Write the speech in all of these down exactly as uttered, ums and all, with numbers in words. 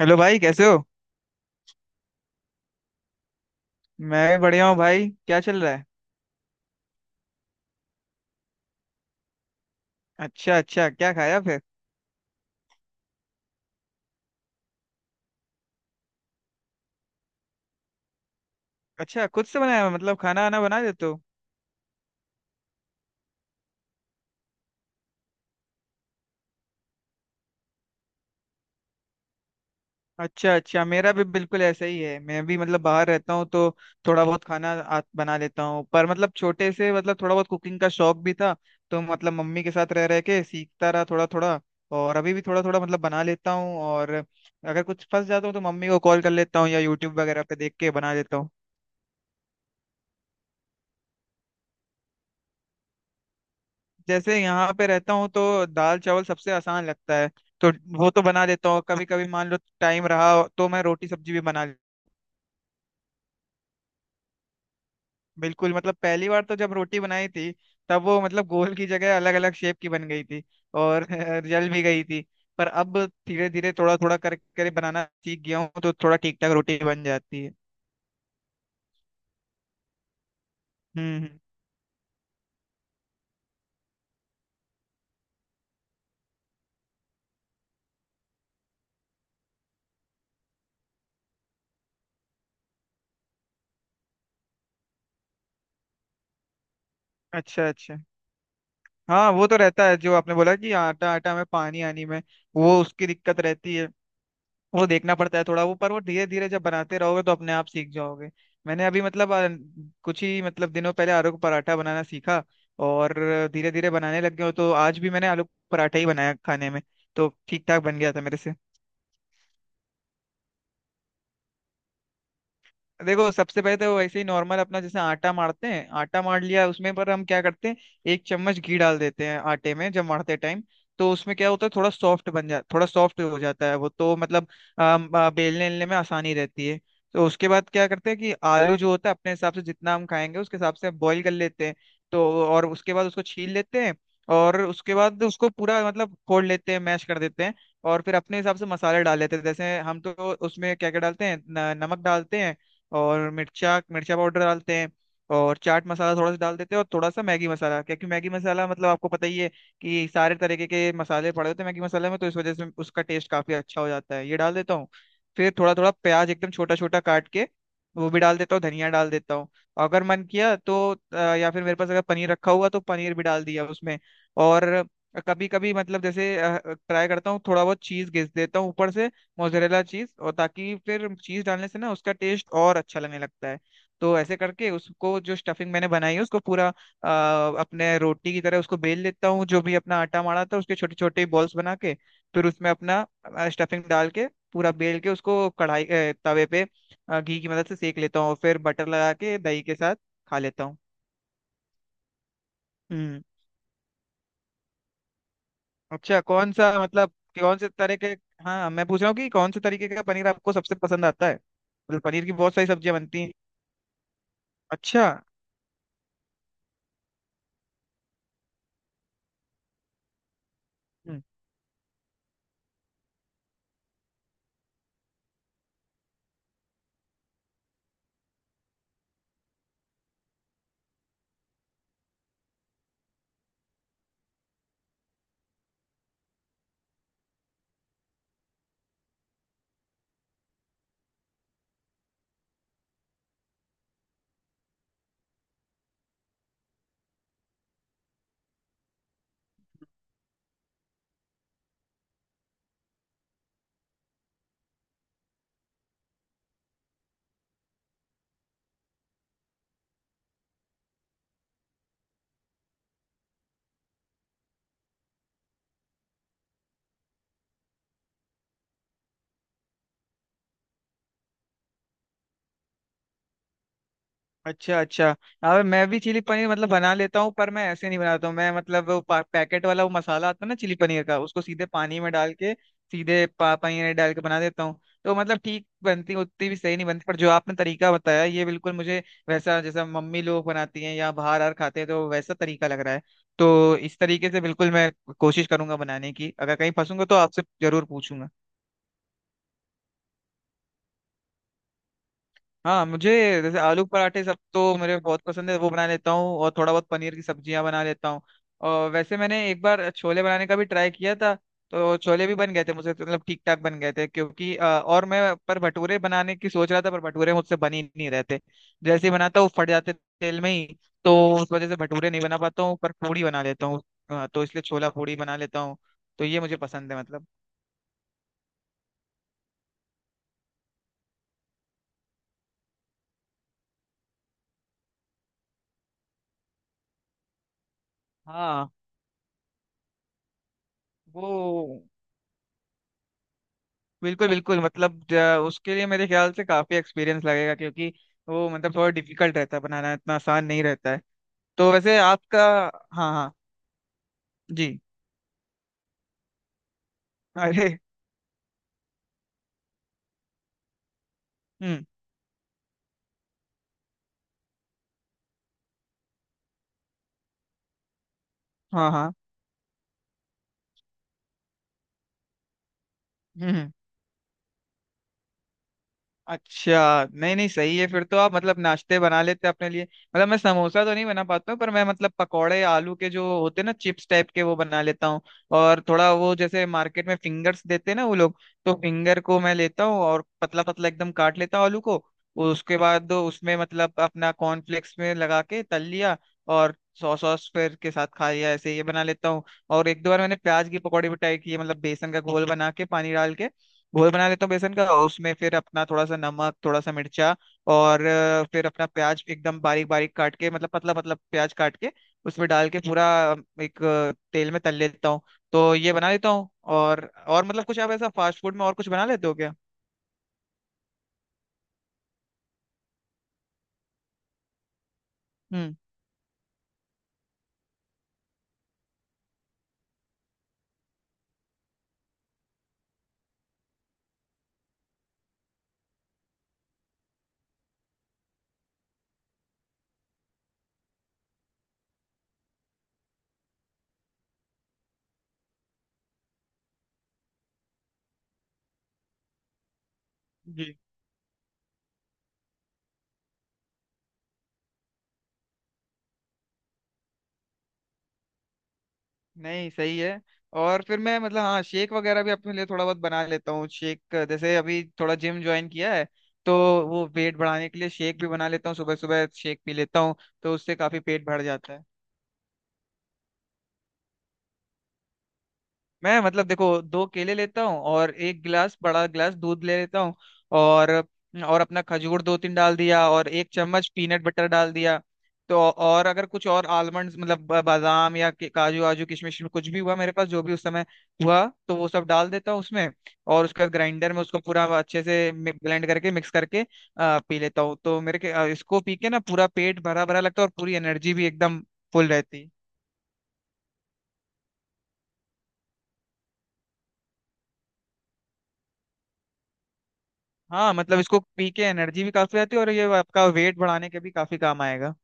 Hello भाई, कैसे हो? मैं भी बढ़िया हूँ भाई। क्या चल रहा है? अच्छा अच्छा, क्या खाया फिर? अच्छा, खुद से बनाया? मतलब खाना आना बना देते हो? अच्छा अच्छा, मेरा भी बिल्कुल ऐसा ही है। मैं भी मतलब बाहर रहता हूँ, तो थोड़ा बहुत खाना आ, बना लेता हूँ। पर मतलब छोटे से मतलब थोड़ा बहुत कुकिंग का शौक भी था, तो मतलब मम्मी के साथ रह रह के सीखता रहा थोड़ा थोड़ा। और अभी भी थोड़ा थोड़ा मतलब बना लेता हूँ, और अगर कुछ फंस जाता हूँ तो मम्मी को कॉल कर लेता हूँ या यूट्यूब वगैरह पे देख के बना लेता हूँ। जैसे यहाँ पे रहता हूँ तो दाल चावल सबसे आसान लगता है, तो वो तो बना लेता हूँ। कभी कभी मान लो टाइम रहा तो मैं रोटी सब्जी भी बना ले। बिल्कुल मतलब पहली बार तो जब रोटी बनाई थी, तब वो मतलब गोल की जगह अलग अलग शेप की बन गई थी। और जल भी गई थी। पर अब धीरे धीरे थोड़ा थोड़ा कर कर बनाना सीख गया हूँ, तो थोड़ा ठीक ठाक रोटी बन जाती है। हम्म, हम्म। अच्छा अच्छा। हाँ वो तो रहता है, जो आपने बोला कि आटा आटा में पानी आनी में, वो उसकी दिक्कत रहती है। वो देखना पड़ता है थोड़ा वो, पर वो धीरे धीरे जब बनाते रहोगे तो अपने आप सीख जाओगे। मैंने अभी मतलब अ, कुछ ही मतलब दिनों पहले आलू का पराठा बनाना सीखा, और धीरे धीरे बनाने लग गया हूं, तो आज भी मैंने आलू का पराठा ही बनाया खाने में। तो ठीक ठाक बन गया था मेरे से। देखो, सबसे पहले तो वैसे ही नॉर्मल अपना जैसे आटा मारते हैं, आटा मार लिया। उसमें पर हम क्या करते हैं, एक चम्मच घी डाल देते हैं आटे में जब मारते टाइम। तो उसमें क्या होता है, थोड़ा सॉफ्ट बन जा थोड़ा सॉफ्ट हो जाता है वो, तो मतलब अम, अ, बेलने बेलने में आसानी रहती है। तो उसके बाद क्या करते हैं कि आलू जो होता है अपने हिसाब से जितना हम खाएंगे उसके हिसाब से बॉईल कर लेते हैं। तो और उसके बाद उसको छील लेते हैं, और उसके बाद उसको पूरा मतलब फोड़ लेते हैं, मैश कर देते हैं। और फिर अपने हिसाब से मसाले डाल लेते हैं, जैसे हम तो उसमें क्या क्या डालते हैं, न- नमक डालते हैं, और मिर्चा मिर्चा पाउडर डालते हैं, और चाट मसाला थोड़ा सा डाल देते हैं, और थोड़ा सा मैगी मसाला, क्योंकि मैगी मसाला मतलब आपको पता ही है कि सारे तरीके के मसाले पड़े होते हैं मैगी मसाले में, तो इस वजह से उसका टेस्ट काफी अच्छा हो जाता है, ये डाल देता हूँ। फिर थोड़ा थोड़ा प्याज एकदम छोटा छोटा काट के वो भी डाल देता हूँ, धनिया डाल देता हूँ। अगर मन किया तो अ, या फिर मेरे पास अगर पनीर रखा हुआ तो पनीर भी डाल दिया उसमें। और कभी कभी मतलब जैसे ट्राई करता हूँ, थोड़ा बहुत चीज घिस देता हूँ ऊपर से, मोजरेला चीज, और ताकि फिर चीज डालने से ना उसका टेस्ट और अच्छा लगने लगता है। तो ऐसे करके उसको जो स्टफिंग मैंने बनाई है उसको पूरा अ, अपने रोटी की तरह उसको बेल लेता हूँ, जो भी अपना आटा माड़ा था उसके छोटे छोटे बॉल्स बना के, फिर उसमें अपना स्टफिंग डाल के, पूरा बेल के उसको कढ़ाई अ, तवे पे अ, घी की मदद से सेक लेता हूँ, और फिर बटर लगा के दही के साथ खा लेता हूँ। हम्म। अच्छा, कौन सा मतलब कौन से तरह के, हाँ मैं पूछ रहा हूँ कि कौन से तरीके का पनीर आपको सबसे पसंद आता है? मतलब पनीर की बहुत सारी सब्जियां बनती हैं। अच्छा। हम्म। अच्छा अच्छा। अब मैं भी चिली पनीर मतलब बना लेता हूँ, पर मैं ऐसे नहीं बनाता हूँ। मैं मतलब वो पा, पैकेट वाला वो मसाला आता है ना चिली पनीर का, उसको सीधे पानी में डाल के सीधे पा, पनीर डाल के बना देता हूँ। तो मतलब ठीक बनती, उतनी भी सही नहीं बनती, पर जो आपने तरीका बताया ये बिल्कुल मुझे वैसा जैसा मम्मी लोग बनाती हैं या बाहर आर खाते हैं, तो वैसा तरीका लग रहा है। तो इस तरीके से बिल्कुल मैं कोशिश करूंगा बनाने की, अगर कहीं फंसूंगा तो आपसे जरूर पूछूंगा। हाँ, मुझे जैसे आलू पराठे सब तो मेरे बहुत पसंद है, वो बना लेता हूँ, और थोड़ा बहुत पनीर की सब्जियां बना लेता हूँ। और वैसे मैंने एक बार छोले बनाने का भी ट्राई किया था, तो छोले भी बन गए थे मुझसे, तो मतलब ठीक ठाक बन गए थे। क्योंकि अ, और मैं पर भटूरे बनाने की सोच रहा था, पर भटूरे मुझसे बन ही नहीं रहते, जैसे ही बनाता हूँ फट जाते तेल में ही। तो उस वजह से भटूरे नहीं बना पाता हूँ, पर पूड़ी बना लेता हूँ, अ, तो इसलिए छोला पूड़ी बना लेता हूँ। तो ये मुझे पसंद है मतलब। हाँ वो बिल्कुल बिल्कुल मतलब, ज- उसके लिए मेरे ख्याल से काफी एक्सपीरियंस लगेगा, क्योंकि वो मतलब थोड़ा डिफिकल्ट रहता है, बनाना इतना आसान नहीं रहता है। तो वैसे आपका? हाँ हाँ। जी। अरे। हम्म। हाँ हाँ। हम्म, हम्म। अच्छा, नहीं नहीं, सही है। फिर तो आप मतलब नाश्ते बना लेते हैं अपने लिए। मतलब मैं समोसा तो नहीं बना पाता हूँ, पर मैं मतलब पकौड़े आलू के जो होते हैं ना चिप्स टाइप के, वो बना लेता हूँ। और थोड़ा वो जैसे मार्केट में फिंगर्स देते हैं ना वो लोग, तो फिंगर को मैं लेता हूँ और पतला पतला एकदम काट लेता हूँ आलू को, उसके बाद उसमें मतलब अपना कॉर्नफ्लेक्स में लगा के तल लिया, और सॉस सॉस फिर के साथ खा लिया, ऐसे ये बना लेता हूँ। और एक दो बार मैंने प्याज की पकौड़ी भी ट्राई की है, मतलब बेसन का घोल बना के पानी डाल के घोल बना लेता हूँ बेसन का, और उसमें फिर अपना थोड़ा सा नमक, थोड़ा सा मिर्चा, और अ, फिर अपना प्याज एकदम बारीक बारीक काट के मतलब पतला पतला प्याज काट के उसमें डाल के पूरा अ, एक अ, तेल में तल लेता हूँ। तो ये बना लेता हूँ। और और मतलब कुछ आप ऐसा फास्ट फूड में और कुछ बना लेते हो क्या? हम्म। जी। नहीं, सही है। और फिर मैं मतलब हाँ शेक वगैरह भी अपने लिए थोड़ा बहुत बना लेता हूँ, शेक जैसे अभी थोड़ा जिम ज्वाइन किया है, तो वो वेट बढ़ाने के लिए शेक भी बना लेता हूँ, सुबह सुबह शेक पी लेता हूँ, तो उससे काफी पेट भर जाता है। मैं मतलब देखो, दो केले लेता हूँ, और एक गिलास बड़ा गिलास दूध ले लेता हूँ, और और अपना खजूर दो तीन डाल दिया, और एक चम्मच पीनट बटर डाल दिया। तो और अगर कुछ और आलमंड्स मतलब ब- बादाम या के- काजू वाजू किशमिश में कुछ भी हुआ मेरे पास जो भी उस समय हुआ, तो वो सब डाल देता हूँ उसमें। और उसका ग्राइंडर में उसको पूरा अच्छे से ब्लेंड करके मिक्स करके अ, पी लेता हूँ, तो मेरे के अ, इसको पी के ना पूरा पेट भरा भरा लगता है और पूरी एनर्जी भी एकदम फुल रहती है। हाँ मतलब इसको पी के एनर्जी भी काफी आती है, और ये आपका वेट बढ़ाने के भी काफी काम आएगा।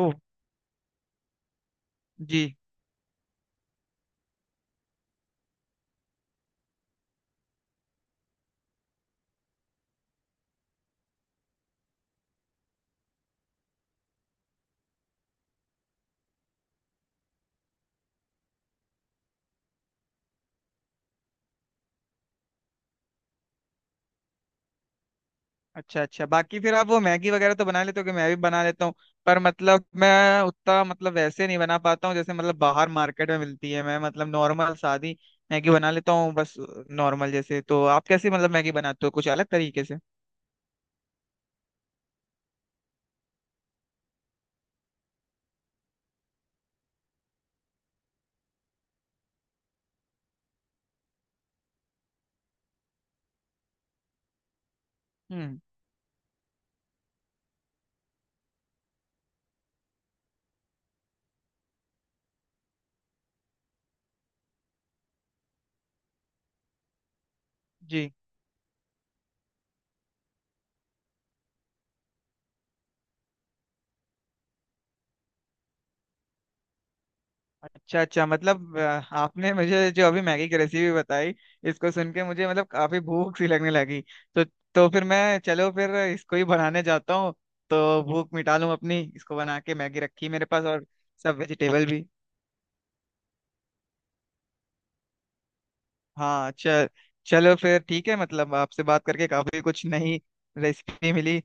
ओह। जी। अच्छा अच्छा, बाकी फिर आप वो मैगी वगैरह तो बना लेते हो कि? मैं भी बना लेता हूँ, पर मतलब मैं उतना मतलब वैसे नहीं बना पाता हूँ जैसे मतलब बाहर मार्केट में मिलती है। मैं मतलब नॉर्मल सादी मैगी बना लेता हूँ बस, नॉर्मल जैसे। तो आप कैसे मतलब मैगी बनाते हो, कुछ अलग तरीके से? हम्म। जी। अच्छा अच्छा, मतलब अ, आपने मुझे जो अभी मैगी की रेसिपी बताई, इसको सुन के मुझे मतलब काफी भूख सी लगने लगी। तो तो फिर मैं, चलो फिर इसको ही बनाने जाता हूँ, तो भूख मिटा लूँ अपनी इसको बना के, मैगी रखी है मेरे पास और सब वेजिटेबल भी। हाँ, अच्छा, चलो फिर ठीक है। मतलब आपसे बात करके काफी कुछ नई रेसिपी मिली।